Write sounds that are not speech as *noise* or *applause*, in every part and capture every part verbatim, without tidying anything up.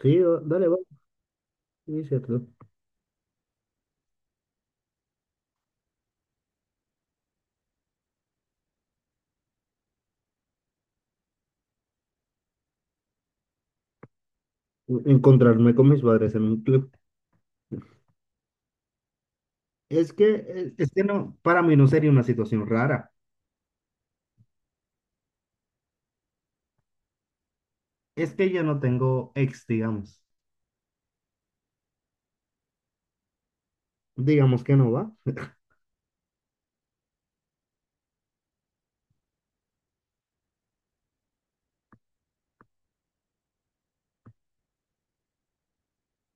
Sí, o- dale, va, sí, es cierto. Encontrarme con mis padres en un club. Es que, eh, es que no, para mí no sería una situación rara. Es que yo no tengo ex, digamos. Digamos que no va.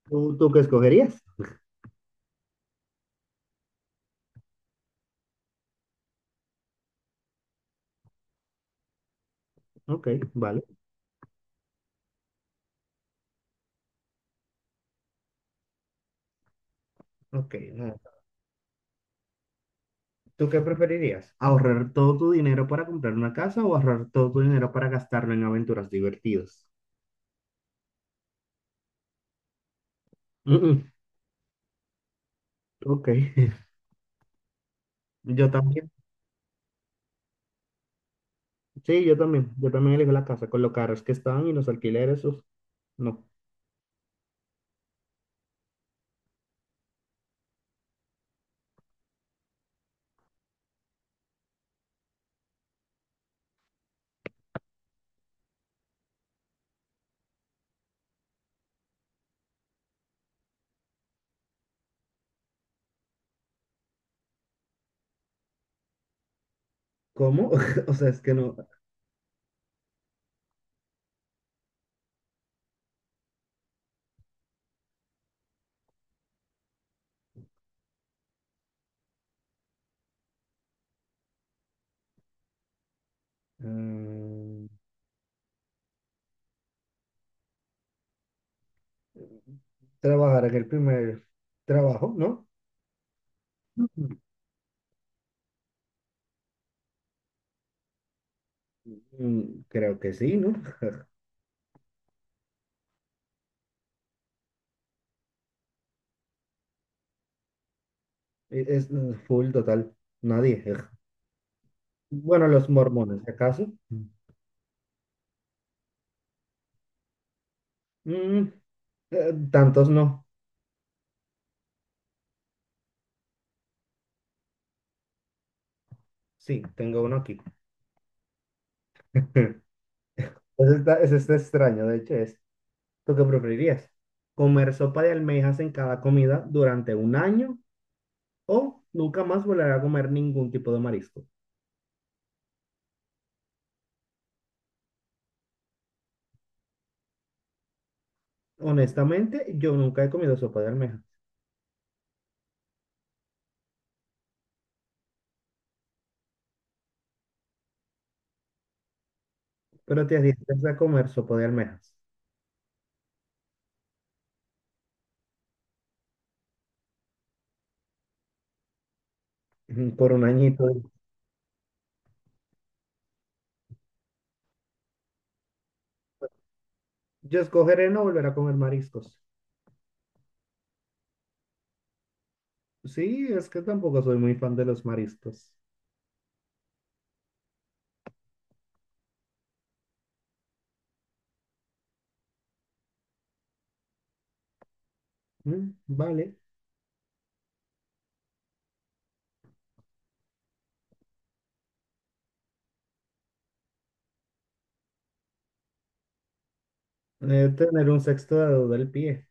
¿Tú, tú qué escogerías? Ok, vale. Ok, no. ¿Tú qué preferirías? ¿Ahorrar todo tu dinero para comprar una casa o ahorrar todo tu dinero para gastarlo en aventuras divertidas? Mm, mm, ok. *laughs* Yo también. Sí, yo también. Yo también elijo la casa con los carros que están y los alquileres. Uf, no. ¿Cómo? *laughs* O sea, es que no. mm, Trabajar en el primer trabajo, ¿no? Mm, Creo que sí, ¿no? *laughs* Es es full total, nadie. Bueno, los mormones, ¿si acaso? Mm, eh, Tantos no. Sí, tengo uno aquí. *laughs* Ese está, ese está extraño, de hecho, es. ¿Tú qué preferirías? ¿Comer sopa de almejas en cada comida durante un año o nunca más volver a comer ningún tipo de marisco? Honestamente, yo nunca he comido sopa de almejas. Pero te adiestras a comer sopa de almejas. *laughs* Por un añito. Yo escogeré no volver a comer mariscos. Sí, es que tampoco soy muy fan de los mariscos. Mm, vale. Eh, tener un sexto dedo del pie.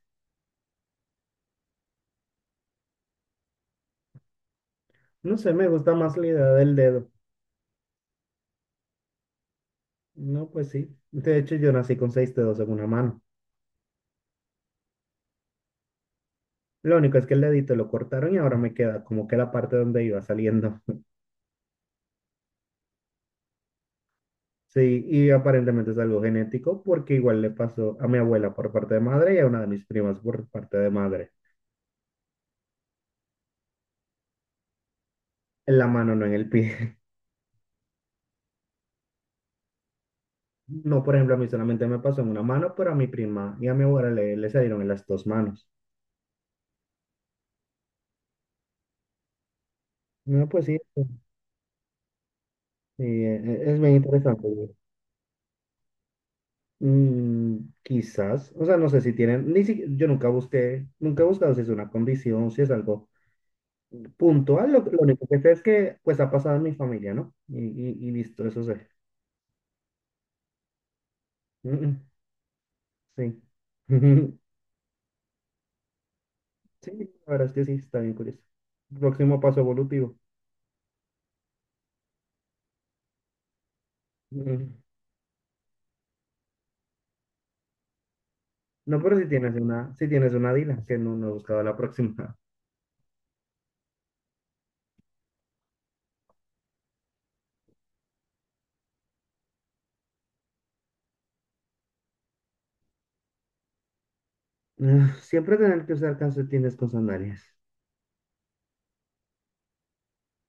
No sé, me gusta más la idea del dedo. No, pues sí. De hecho, yo nací con seis dedos en una mano. Lo único es que el dedito lo cortaron y ahora me queda como que la parte donde iba saliendo. *laughs* Sí, y aparentemente es algo genético porque igual le pasó a mi abuela por parte de madre y a una de mis primas por parte de madre. En la mano, no en el pie. *laughs* No, por ejemplo, a mí solamente me pasó en una mano, pero a mi prima y a mi abuela le, le salieron en las dos manos. No, pues sí, eh, sí, eh, es bien interesante, güey. Mm, quizás, o sea, no sé si tienen, ni si, yo nunca busqué, nunca he buscado si es una condición, si es algo puntual. Lo, lo único que sé es que, pues, ha pasado en mi familia, ¿no? Y, y, y listo, eso sé. Mm, mm, sí. *laughs* Sí, la verdad es que sí, está bien curioso. Próximo paso evolutivo. Mm. No, pero si tienes una, si tienes una Dila, que no, no he buscado la próxima. *laughs* Ah, siempre tener que usar calcetines con sandalias.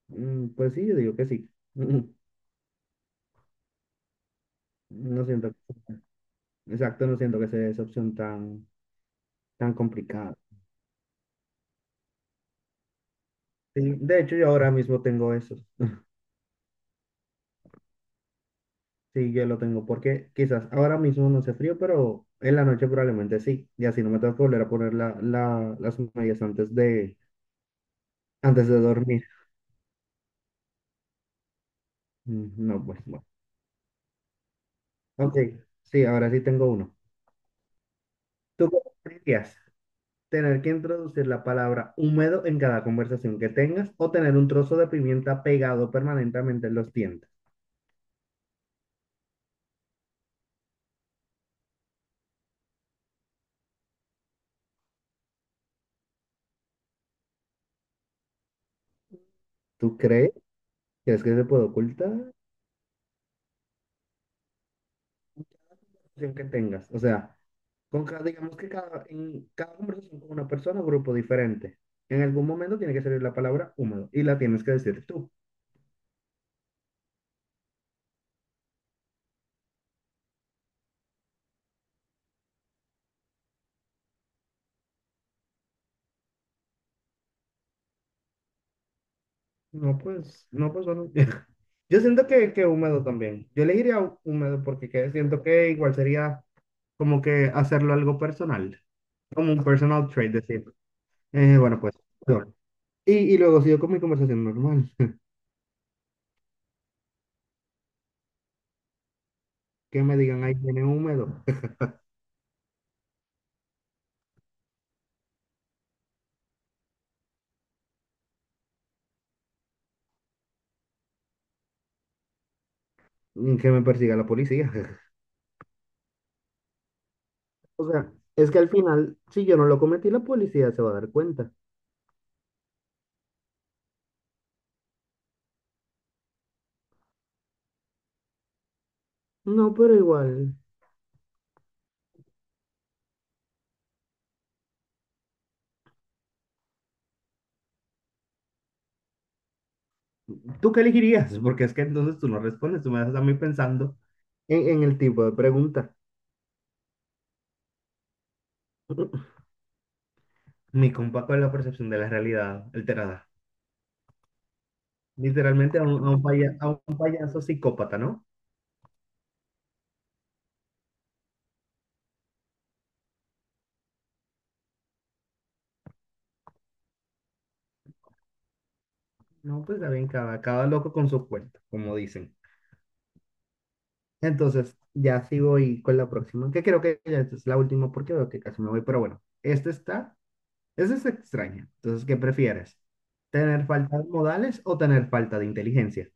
Mm, pues sí, yo digo que sí. *laughs* No siento, exacto, no siento que sea esa opción tan, tan complicada. Sí, de hecho, yo ahora mismo tengo eso. *laughs* Sí, yo lo tengo porque quizás ahora mismo no hace frío, pero en la noche probablemente sí. Y así no me tengo que volver a poner la, la- las medias antes de, antes de dormir. Mm, No, pues bueno. Ok, sí, ahora sí tengo uno. ¿Tú qué preferirías? Tener que introducir la palabra húmedo en cada conversación que tengas o tener un trozo de pimienta pegado permanentemente en los dientes. ¿Tú crees? ¿Crees que se puede ocultar la conversación que tengas? O sea, con cada, digamos que cada, en cada conversación con una persona o grupo diferente, en algún momento tiene que salir la palabra húmedo y la tienes que decir tú. No, pues, no, pues, bueno. *laughs* Yo siento que, que húmedo también. Yo elegiría hú- húmedo porque que- siento que igual sería como que hacerlo algo personal, como un personal trait, decir. Eh, bueno, pues. Yo. Y, y luego sigo con mi conversación normal. *laughs* Que me digan, ahí viene húmedo. *laughs* Que me persiga la policía. *laughs* O sea, es que al final, si yo no lo cometí, la policía se va a dar cuenta. No, pero igual. ¿Tú qué elegirías? *laughs* Porque es que entonces tú no respondes, tú me dejas a mí pensando en, en el tipo de pregunta. *laughs* Mi compa con la percepción de la realidad alterada. Literalmente a un, a un paya- a un payaso psicópata, ¿no? No, pues está bien, cada, cada loco con su cuento, como dicen. Entonces, ya sigo y con la próxima, que creo que ya es la última porque veo que casi me voy, pero bueno, esta está, esta es extraña. Entonces, ¿qué prefieres? ¿Tener falta de modales o tener falta de inteligencia?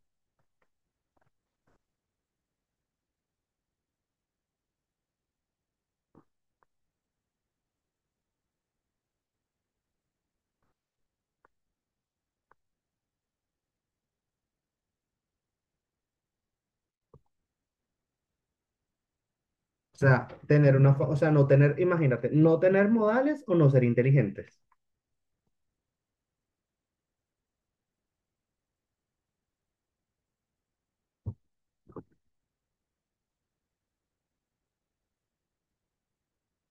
O sea, tener una, fa- o sea, no tener, imagínate, no tener modales o no ser inteligentes.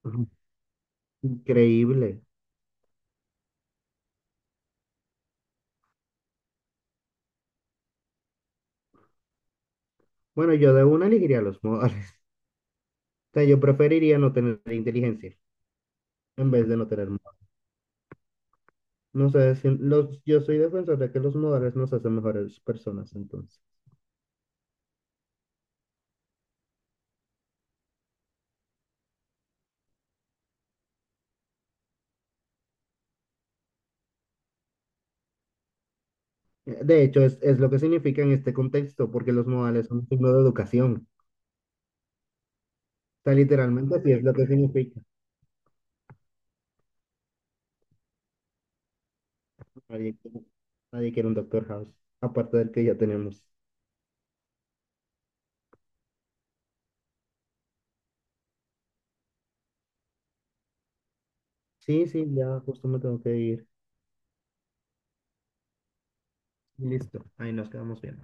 Ujú, increíble. Bueno, yo de una elegiría los modales. *laughs* O sea, yo preferiría no tener inteligencia en vez de no tener modales. No sé, si- los, yo soy defensor de que los modales nos hacen mejores personas, entonces. Eh, De hecho, es, es lo que significa en este contexto, porque los modales son un signo de educación. O sea, literalmente sí es lo que significa. Nadie, quiere- Nadie quiere un Doctor House, aparte del que ya tenemos. Sí, sí, ya justo me tengo que ir. Listo, ahí nos quedamos bien.